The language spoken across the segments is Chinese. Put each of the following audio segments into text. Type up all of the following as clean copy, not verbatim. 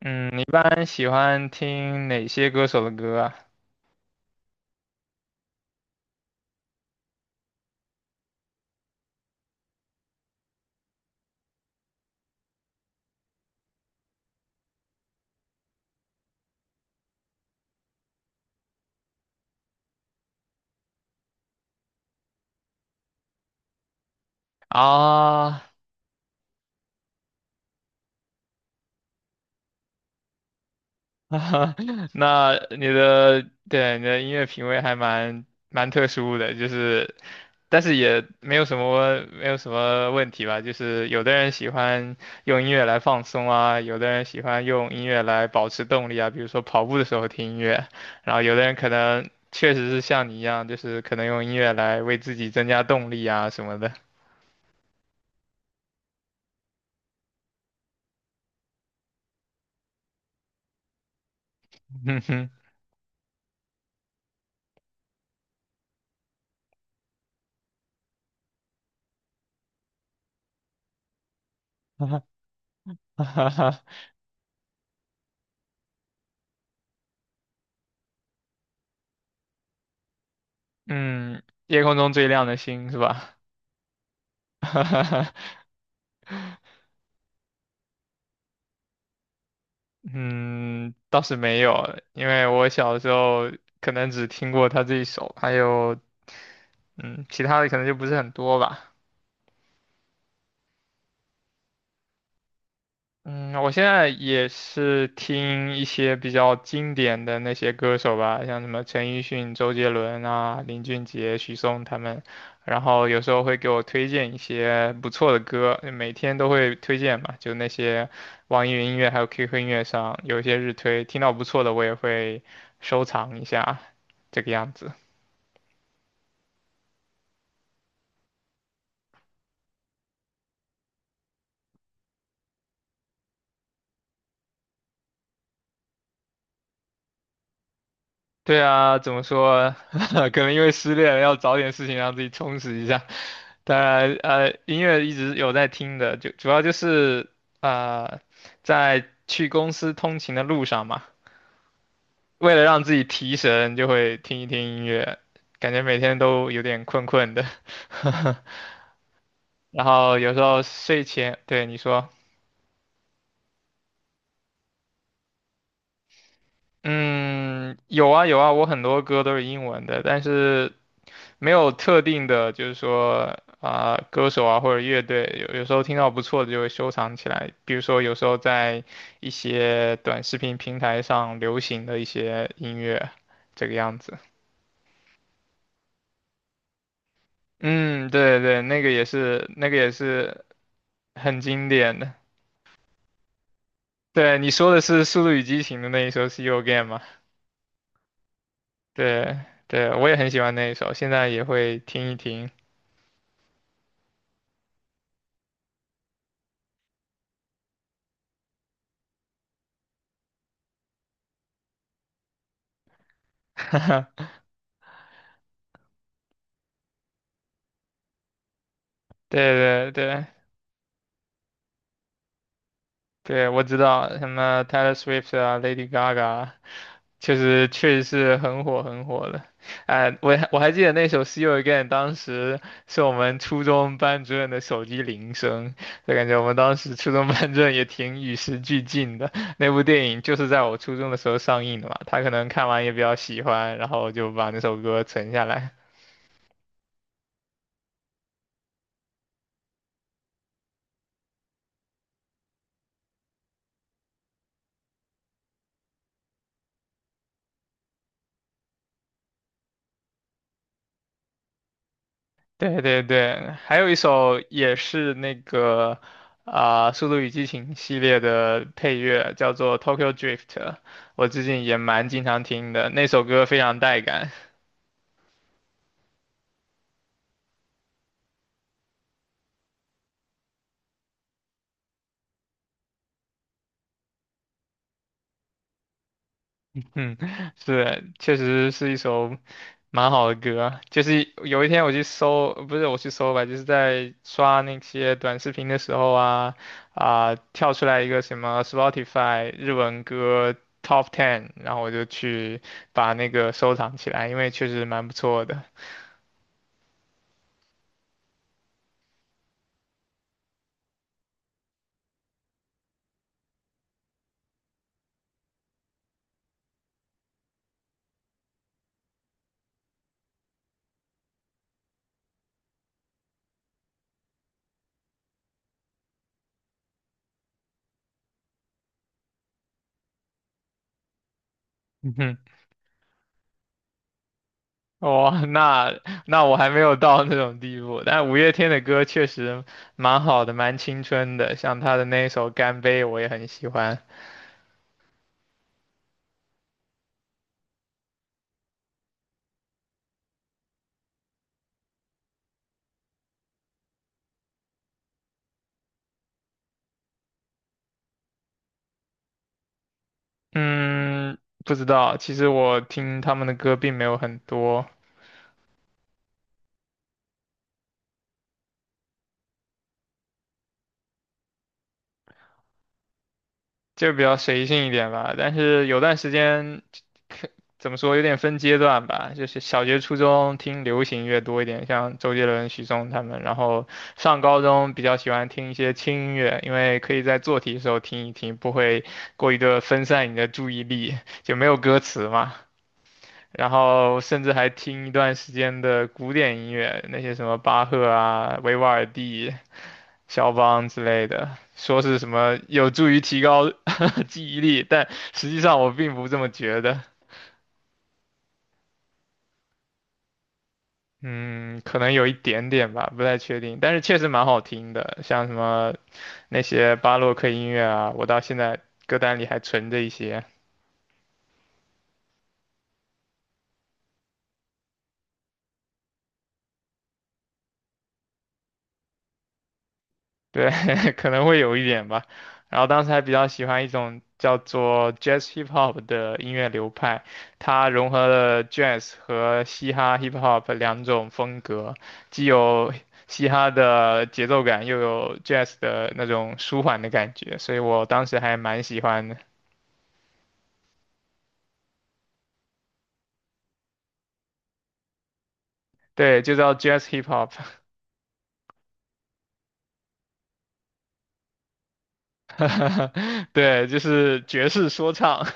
嗯，你一般喜欢听哪些歌手的歌啊？啊，那你的，对，你的音乐品味还蛮特殊的，就是，但是也没有什么没有什么问题吧，就是有的人喜欢用音乐来放松啊，有的人喜欢用音乐来保持动力啊，比如说跑步的时候听音乐，然后有的人可能确实是像你一样，就是可能用音乐来为自己增加动力啊什么的。哼哼，哈哈嗯，夜空中最亮的星是吧？嗯，倒是没有，因为我小时候可能只听过他这一首，还有嗯，其他的可能就不是很多吧。嗯，我现在也是听一些比较经典的那些歌手吧，像什么陈奕迅、周杰伦啊、林俊杰、许嵩他们，然后有时候会给我推荐一些不错的歌，每天都会推荐嘛，就那些网易云音乐还有 QQ 音乐上有一些日推，听到不错的我也会收藏一下，这个样子。对啊，怎么说？可能因为失恋了，要找点事情让自己充实一下。当然，音乐一直有在听的，就主要就是呃，在去公司通勤的路上嘛，为了让自己提神，就会听一听音乐，感觉每天都有点困困的。然后有时候睡前，对你说，嗯，有啊有啊，我很多歌都是英文的，但是没有特定的，就是说啊、歌手啊或者乐队，有时候听到不错的就会收藏起来。比如说，有时候在一些短视频平台上流行的一些音乐，这个样子。嗯，对对，那个也是，那个也是很经典的。对，你说的是《速度与激情》的那一首《See You Again》吗？对对，我也很喜欢那一首，现在也会听一听。对对对对，我知道什么 Taylor Swift 啊，Lady Gaga。确实确实是很火很火的，哎、我还记得那首《See You Again》，当时是我们初中班主任的手机铃声，就感觉我们当时初中班主任也挺与时俱进的。那部电影就是在我初中的时候上映的嘛，他可能看完也比较喜欢，然后就把那首歌存下来。对对对，还有一首也是那个啊，速度与激情》系列的配乐，叫做《Tokyo Drift》，我最近也蛮经常听的，那首歌非常带感。嗯，是，确实是一首蛮好的歌啊就是有一天我去搜，不是我去搜吧，就是在刷那些短视频的时候啊，啊、跳出来一个什么 Spotify 日文歌 Top Ten，然后我就去把那个收藏起来，因为确实蛮不错的。嗯哼，哇，那我还没有到那种地步，但五月天的歌确实蛮好的，蛮青春的，像他的那一首《干杯》，我也很喜欢。嗯，不知道。其实我听他们的歌并没有很多，就比较随性一点吧。但是有段时间，可怎么说，有点分阶段吧。就是小学、初中听流行乐多一点，像周杰伦、许嵩他们。然后上高中比较喜欢听一些轻音乐，因为可以在做题的时候听一听，不会过于的分散你的注意力，就没有歌词嘛。然后甚至还听一段时间的古典音乐，那些什么巴赫啊、维瓦尔第。肖邦之类的，说是什么有助于提高 记忆力，但实际上我并不这么觉得。嗯，可能有一点点吧，不太确定，但是确实蛮好听的，像什么那些巴洛克音乐啊，我到现在歌单里还存着一些。对，可能会有一点吧。然后当时还比较喜欢一种叫做 Jazz Hip Hop 的音乐流派，它融合了 Jazz 和嘻哈 Hip Hop 两种风格，既有嘻哈的节奏感，又有 Jazz 的那种舒缓的感觉，所以我当时还蛮喜欢的。对，就叫 Jazz Hip Hop，对，就是爵士说唱。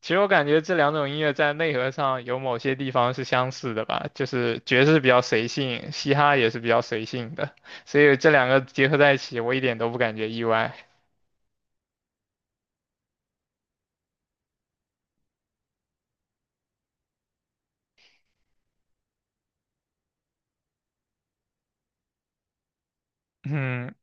其实我感觉这两种音乐在内核上有某些地方是相似的吧，就是爵士比较随性，嘻哈也是比较随性的，所以这两个结合在一起，我一点都不感觉意外。嗯，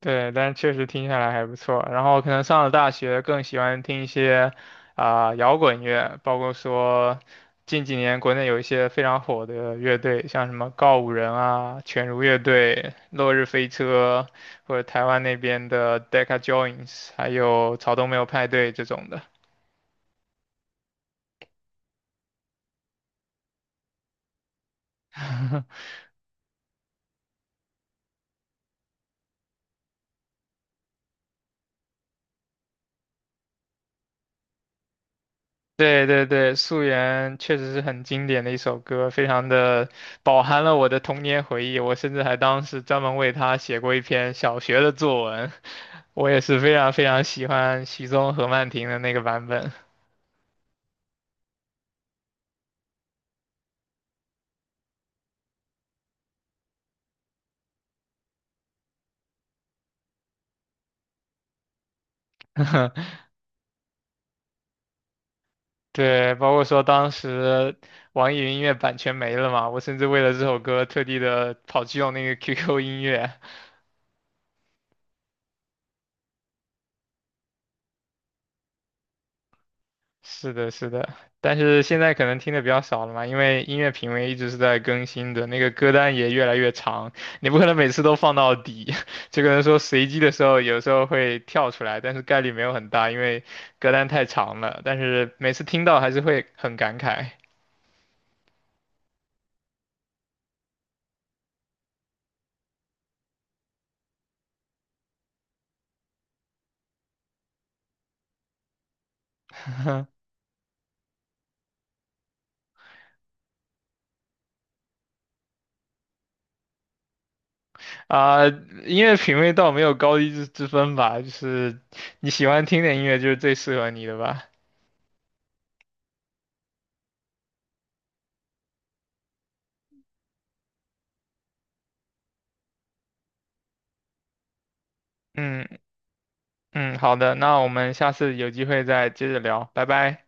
对，但是确实听下来还不错。然后可能上了大学，更喜欢听一些啊、摇滚乐，包括说近几年国内有一些非常火的乐队，像什么告五人啊、犬儒乐队、落日飞车，或者台湾那边的 Deca Joins，还有草东没有派对这种的。对对对，《素媛》确实是很经典的一首歌，非常的饱含了我的童年回忆。我甚至还当时专门为它写过一篇小学的作文。我也是非常非常喜欢许嵩何曼婷的那个版本。对，包括说当时网易云音乐版权没了嘛，我甚至为了这首歌特地的跑去用那个 QQ 音乐。是的，是的，但是现在可能听的比较少了嘛，因为音乐品味一直是在更新的，那个歌单也越来越长，你不可能每次都放到底，就可能说随机的时候有时候会跳出来，但是概率没有很大，因为歌单太长了，但是每次听到还是会很感慨。啊、音乐品味倒没有高低之分吧，就是你喜欢听的音乐就是最适合你的吧。嗯嗯，好的，那我们下次有机会再接着聊，拜拜。